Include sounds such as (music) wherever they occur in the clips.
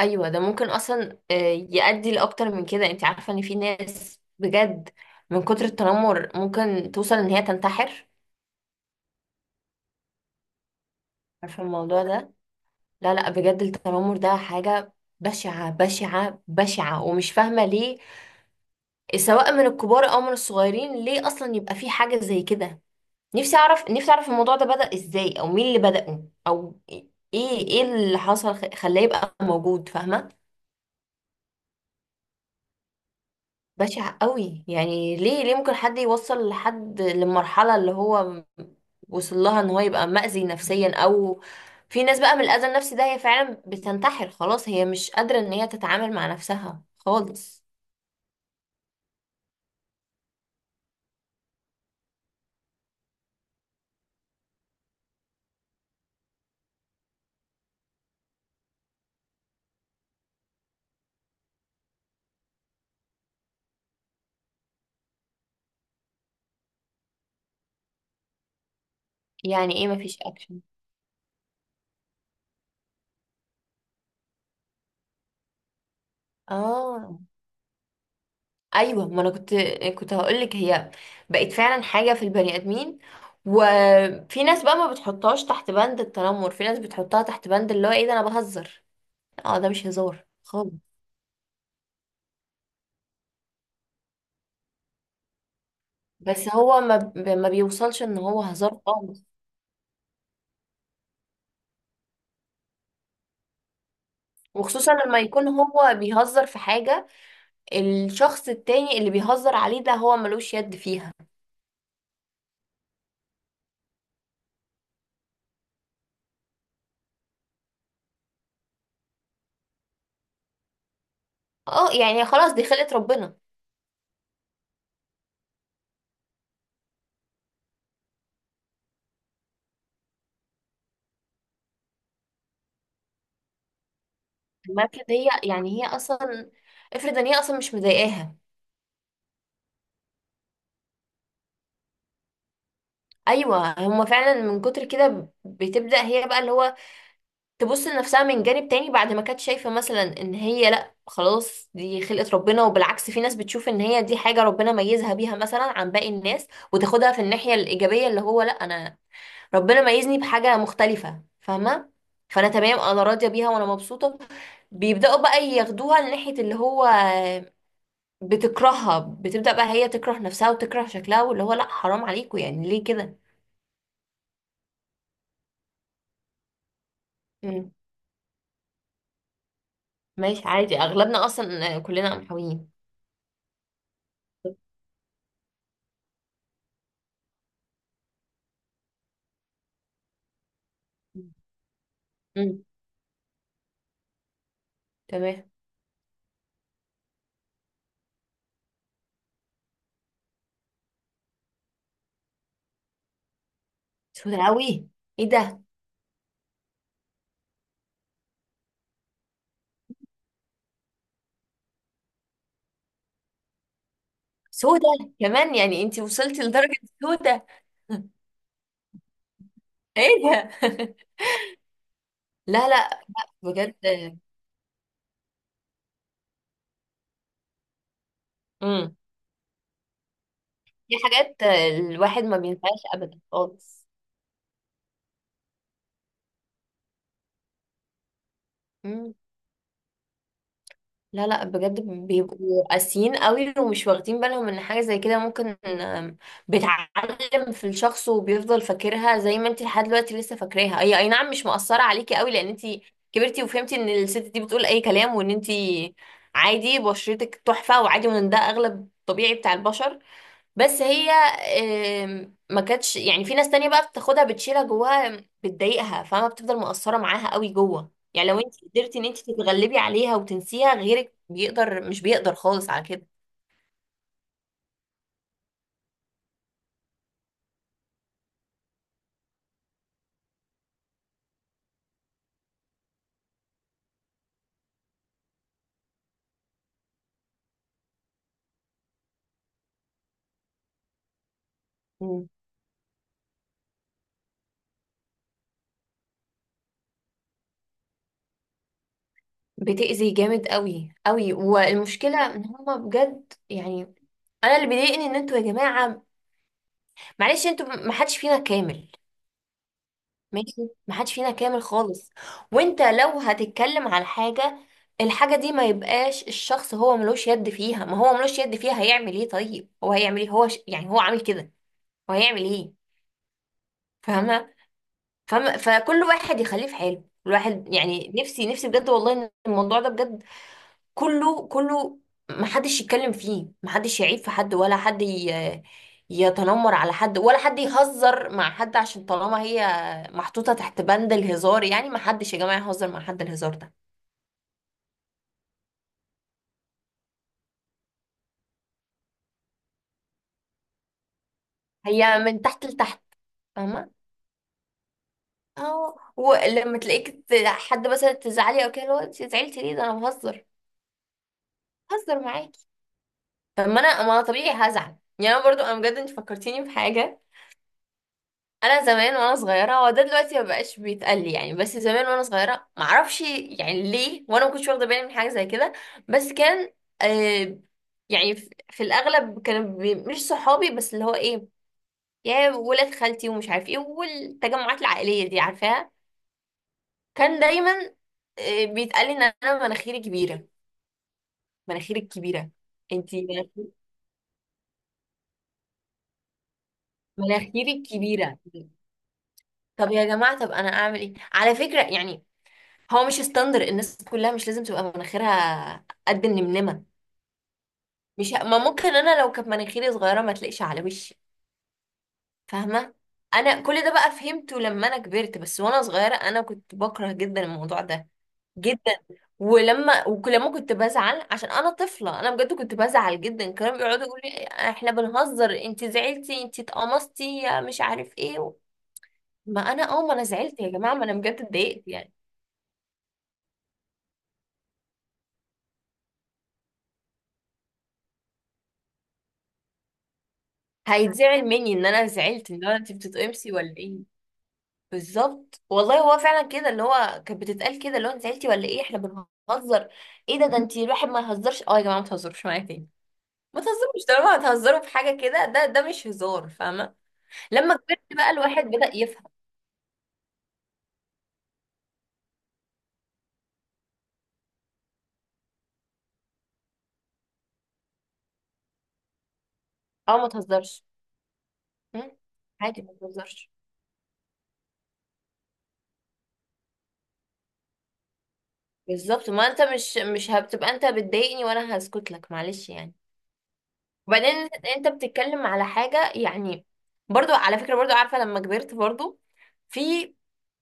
ايوه ده ممكن اصلا يؤدي لاكتر من كده. انت عارفه ان في ناس بجد من كتر التنمر ممكن توصل ان هي تنتحر. عارفه الموضوع ده، لا لا بجد التنمر ده حاجه بشعه بشعه بشعه، ومش فاهمه ليه سواء من الكبار او من الصغيرين ليه اصلا يبقى في حاجه زي كده. نفسي اعرف، نفسي اعرف الموضوع ده بدأ ازاي، او مين اللي بدأه، او ايه ايه اللي حصل خلاه يبقى موجود، فاهمه؟ بشع قوي. يعني ليه ليه ممكن حد يوصل لحد للمرحلة اللي هو وصل لها، ان هو يبقى مأذي نفسيا، او في ناس بقى من الأذى النفسي ده هي فعلا بتنتحر، خلاص هي مش قادرة ان هي تتعامل مع نفسها خالص. يعني ايه مفيش اكشن؟ اه ايوه، ما انا كنت، كنت هقولك هي بقت فعلا حاجة في البني آدمين. وفي ناس بقى ما بتحطهاش تحت بند التنمر، في ناس بتحطها تحت بند اللي هو ايه ده انا بهزر. اه ده مش هزار خالص. بس هو ما بيوصلش ان هو هزار خالص، وخصوصا لما يكون هو بيهزر في حاجة الشخص التاني اللي بيهزر عليه ده هو ملوش يد فيها. اه يعني خلاص دي خلقة ربنا. ما افرض هي يعني، هي اصلا، افرض ان هي اصلا مش مضايقاها. ايوه، هما فعلا من كتر كده بتبدأ هي بقى اللي هو تبص لنفسها من جانب تاني، بعد ما كانت شايفة مثلا ان هي لا خلاص دي خلقة ربنا، وبالعكس في ناس بتشوف ان هي دي حاجة ربنا ميزها بيها مثلا عن باقي الناس، وتاخدها في الناحية الإيجابية اللي هو لا انا ربنا ميزني بحاجة مختلفة، فاهمة؟ فانا تمام، انا راضية بيها وانا مبسوطة. بيبدأوا بقى ياخدوها لناحية اللي هو بتكرهها، بتبدأ بقى هي تكره نفسها وتكره شكلها، واللي هو لا حرام عليكم يعني ليه كده. مم. ماشي عادي، اغلبنا اصلا كلنا محاويين. مم. تمام. سودة قوي؟ ايه ده؟ سودة كمان؟ يعني انتي وصلتي لدرجة سودة؟ (laughs) ايه ده؟ (laughs) لا لا بجد. امم، في حاجات الواحد ما بينساهاش ابدا خالص. لا لا بجد، بيبقوا قاسيين قوي، ومش واخدين بالهم ان حاجة زي كده ممكن بتعلم في الشخص وبيفضل فاكرها، زي ما انت لحد دلوقتي لسه فاكراها. هي اي نعم مش مؤثرة عليكي قوي لان انت كبرتي وفهمتي ان الست دي بتقول اي كلام، وان انت عادي بشرتك تحفة وعادي، وان ده اغلب طبيعي بتاع البشر. بس هي ما كانتش، يعني في ناس تانية بقى بتاخدها، بتشيلها جواها، بتضايقها، فما بتفضل مقصرة معاها قوي جوه. يعني لو انت قدرتي ان انت تتغلبي عليها وتنسيها، غيرك بيقدر، مش بيقدر خالص على كده. مم. بتأذي جامد قوي قوي، والمشكلة ان هما بجد يعني. انا اللي بيضايقني ان انتوا يا جماعة، معلش، انتوا ما حدش فينا كامل، ماشي، محدش فينا كامل خالص. وانت لو هتتكلم على حاجة، الحاجة دي ما يبقاش الشخص هو ملوش يد فيها. ما هو ملوش يد فيها، هيعمل ايه؟ طيب هو هيعمل ايه؟ هو يعني هو عامل كده، هو هيعمل ايه؟ فاهمة؟ فاهمة؟ فكل واحد يخليه في حاله. الواحد يعني نفسي، نفسي بجد والله ان الموضوع ده بجد كله كله محدش يتكلم فيه، محدش يعيب في حد، ولا يتنمر على حد، ولا حد يهزر مع حد، عشان طالما هي محطوطة تحت بند الهزار، يعني محدش يا جماعة يهزر مع حد. الهزار ده هي من تحت لتحت، فاهمة؟ اه ولما حد مثلا تزعلي او كده اللي هو انت زعلتي ليه؟ ده انا بهزر، بهزر معاكي. طب ما انا، ما انا طبيعي هزعل، يعني انا برضو انا بجد. انت فكرتيني بحاجة. انا زمان وانا صغيره، هو ده دلوقتي ما بقاش بيتقال لي يعني، بس زمان وانا صغيره، ما اعرفش يعني ليه، وانا ما كنتش واخده بالي من حاجه زي كده. بس كان آه يعني، في الاغلب كانوا مش صحابي، بس اللي هو ايه، يا ولاد خالتي ومش عارف ايه، والتجمعات العائليه دي، عارفاها. كان دايما آه بيتقال لي ان انا مناخيري كبيره، مناخيري كبيره، انتي مناخيري، مناخيري كبيره. طب يا جماعه، طب انا اعمل ايه على فكره يعني؟ هو مش ستاندر الناس كلها مش لازم تبقى مناخيرها قد النمنمه. مش ه- ما ممكن انا لو كانت مناخيري صغيره ما تلاقيش على وشي، فاهمه؟ انا كل ده بقى فهمته لما انا كبرت، بس وانا صغيره انا كنت بكره جدا الموضوع ده جدا. ولما كنت بزعل عشان انا طفله، انا بجد كنت بزعل جدا، كانوا بيقعدوا يقولوا لي احنا بنهزر، انت زعلتي، انت اتقمصتي، يا مش عارف ايه. ما انا اه، ما انا زعلت يا جماعه، ما انا بجد اتضايقت يعني. هيتزعل مني ان انا زعلت؟ ان انا انت بتتقمصي ولا ايه؟ بالظبط والله، هو فعلا كده اللي هو كانت بتتقال كده، اللي هو انت زعلتي ولا ايه، احنا بنهزر. ايه ده؟ ده انت الواحد ما يهزرش. اه يا جماعه ما تهزروش معايا تاني، ما تهزروش طالما هتهزروا في حاجه كده، ده ده مش هزار، فاهمه؟ لما كبرت بقى الواحد بدأ يفهم. اه ما تهزرش. مم، عادي، ما تهزرش. بالظبط، ما انت مش، مش هتبقى انت بتضايقني وانا هسكت لك، معلش يعني. وبعدين انت، انت بتتكلم على حاجه يعني، برضو على فكره، برضو عارفه لما كبرت برضو، في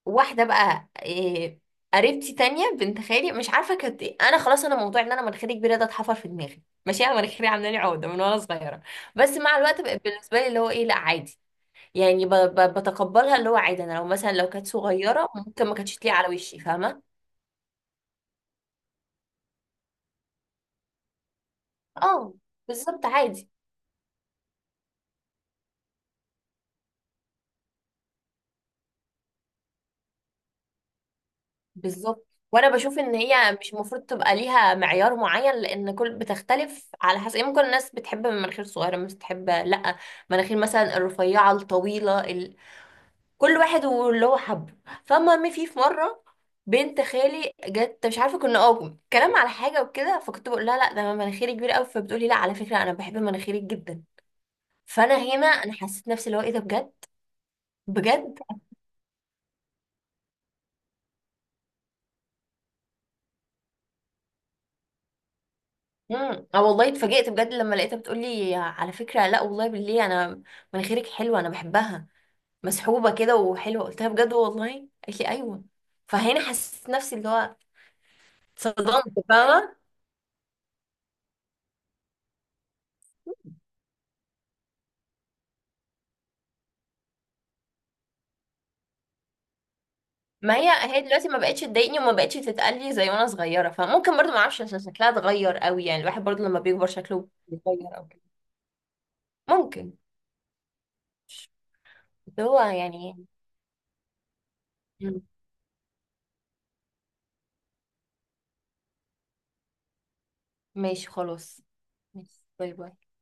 واحده بقى إيه، قريبتي تانية بنت خالي، مش عارفه كانت إيه. انا خلاص انا موضوع ان انا مناخيري كبيره ده اتحفر في دماغي، ماشي، انا مناخيري عامله لي عقده من وانا صغيره. بس مع الوقت بقت بالنسبه لي اللي هو ايه لا عادي، يعني بتقبلها، اللي هو عادي انا لو مثلا لو كانت صغيره ممكن ما كانتش تليق على وشي، فاهمه؟ اه بالظبط، عادي. بالظبط، وانا بشوف ان هي مش المفروض تبقى ليها معيار معين، لان كل بتختلف على حسب يعني، ممكن الناس بتحب مناخير صغيره، مش بتحب، لا، مناخير مثلا الرفيعه الطويله. كل واحد واللي هو حبه. فالمهم، في مره بنت خالي جت، مش عارفه كنا اه كلام على حاجه وكده، فكنت بقول لها لا ده مناخيري كبيره قوي، فبتقولي لا على فكره انا بحب مناخيري جدا. فانا هنا انا حسيت نفسي اللي هو ايه ده بجد، بجد. امم، اه والله اتفاجئت بجد لما لقيتها بتقولي على فكره لا والله بالله، انا مناخيرك حلوه، انا بحبها، مسحوبه كده وحلوه. قلت لها بجد والله؟ قالت لي ايوه. فهنا حسيت نفسي اللي هو اتصدمت، فاهمه؟ ما هي هي دلوقتي ما بقتش تضايقني وما بقتش تتقلي زي وانا صغيره، فممكن برضو ما اعرفش، عشان شكلها اتغير قوي، يعني الواحد برضو لما بيكبر شكله بيتغير او كده. ممكن. بس هو يعني. مم. ماشي خلاص. ماشي. باي باي.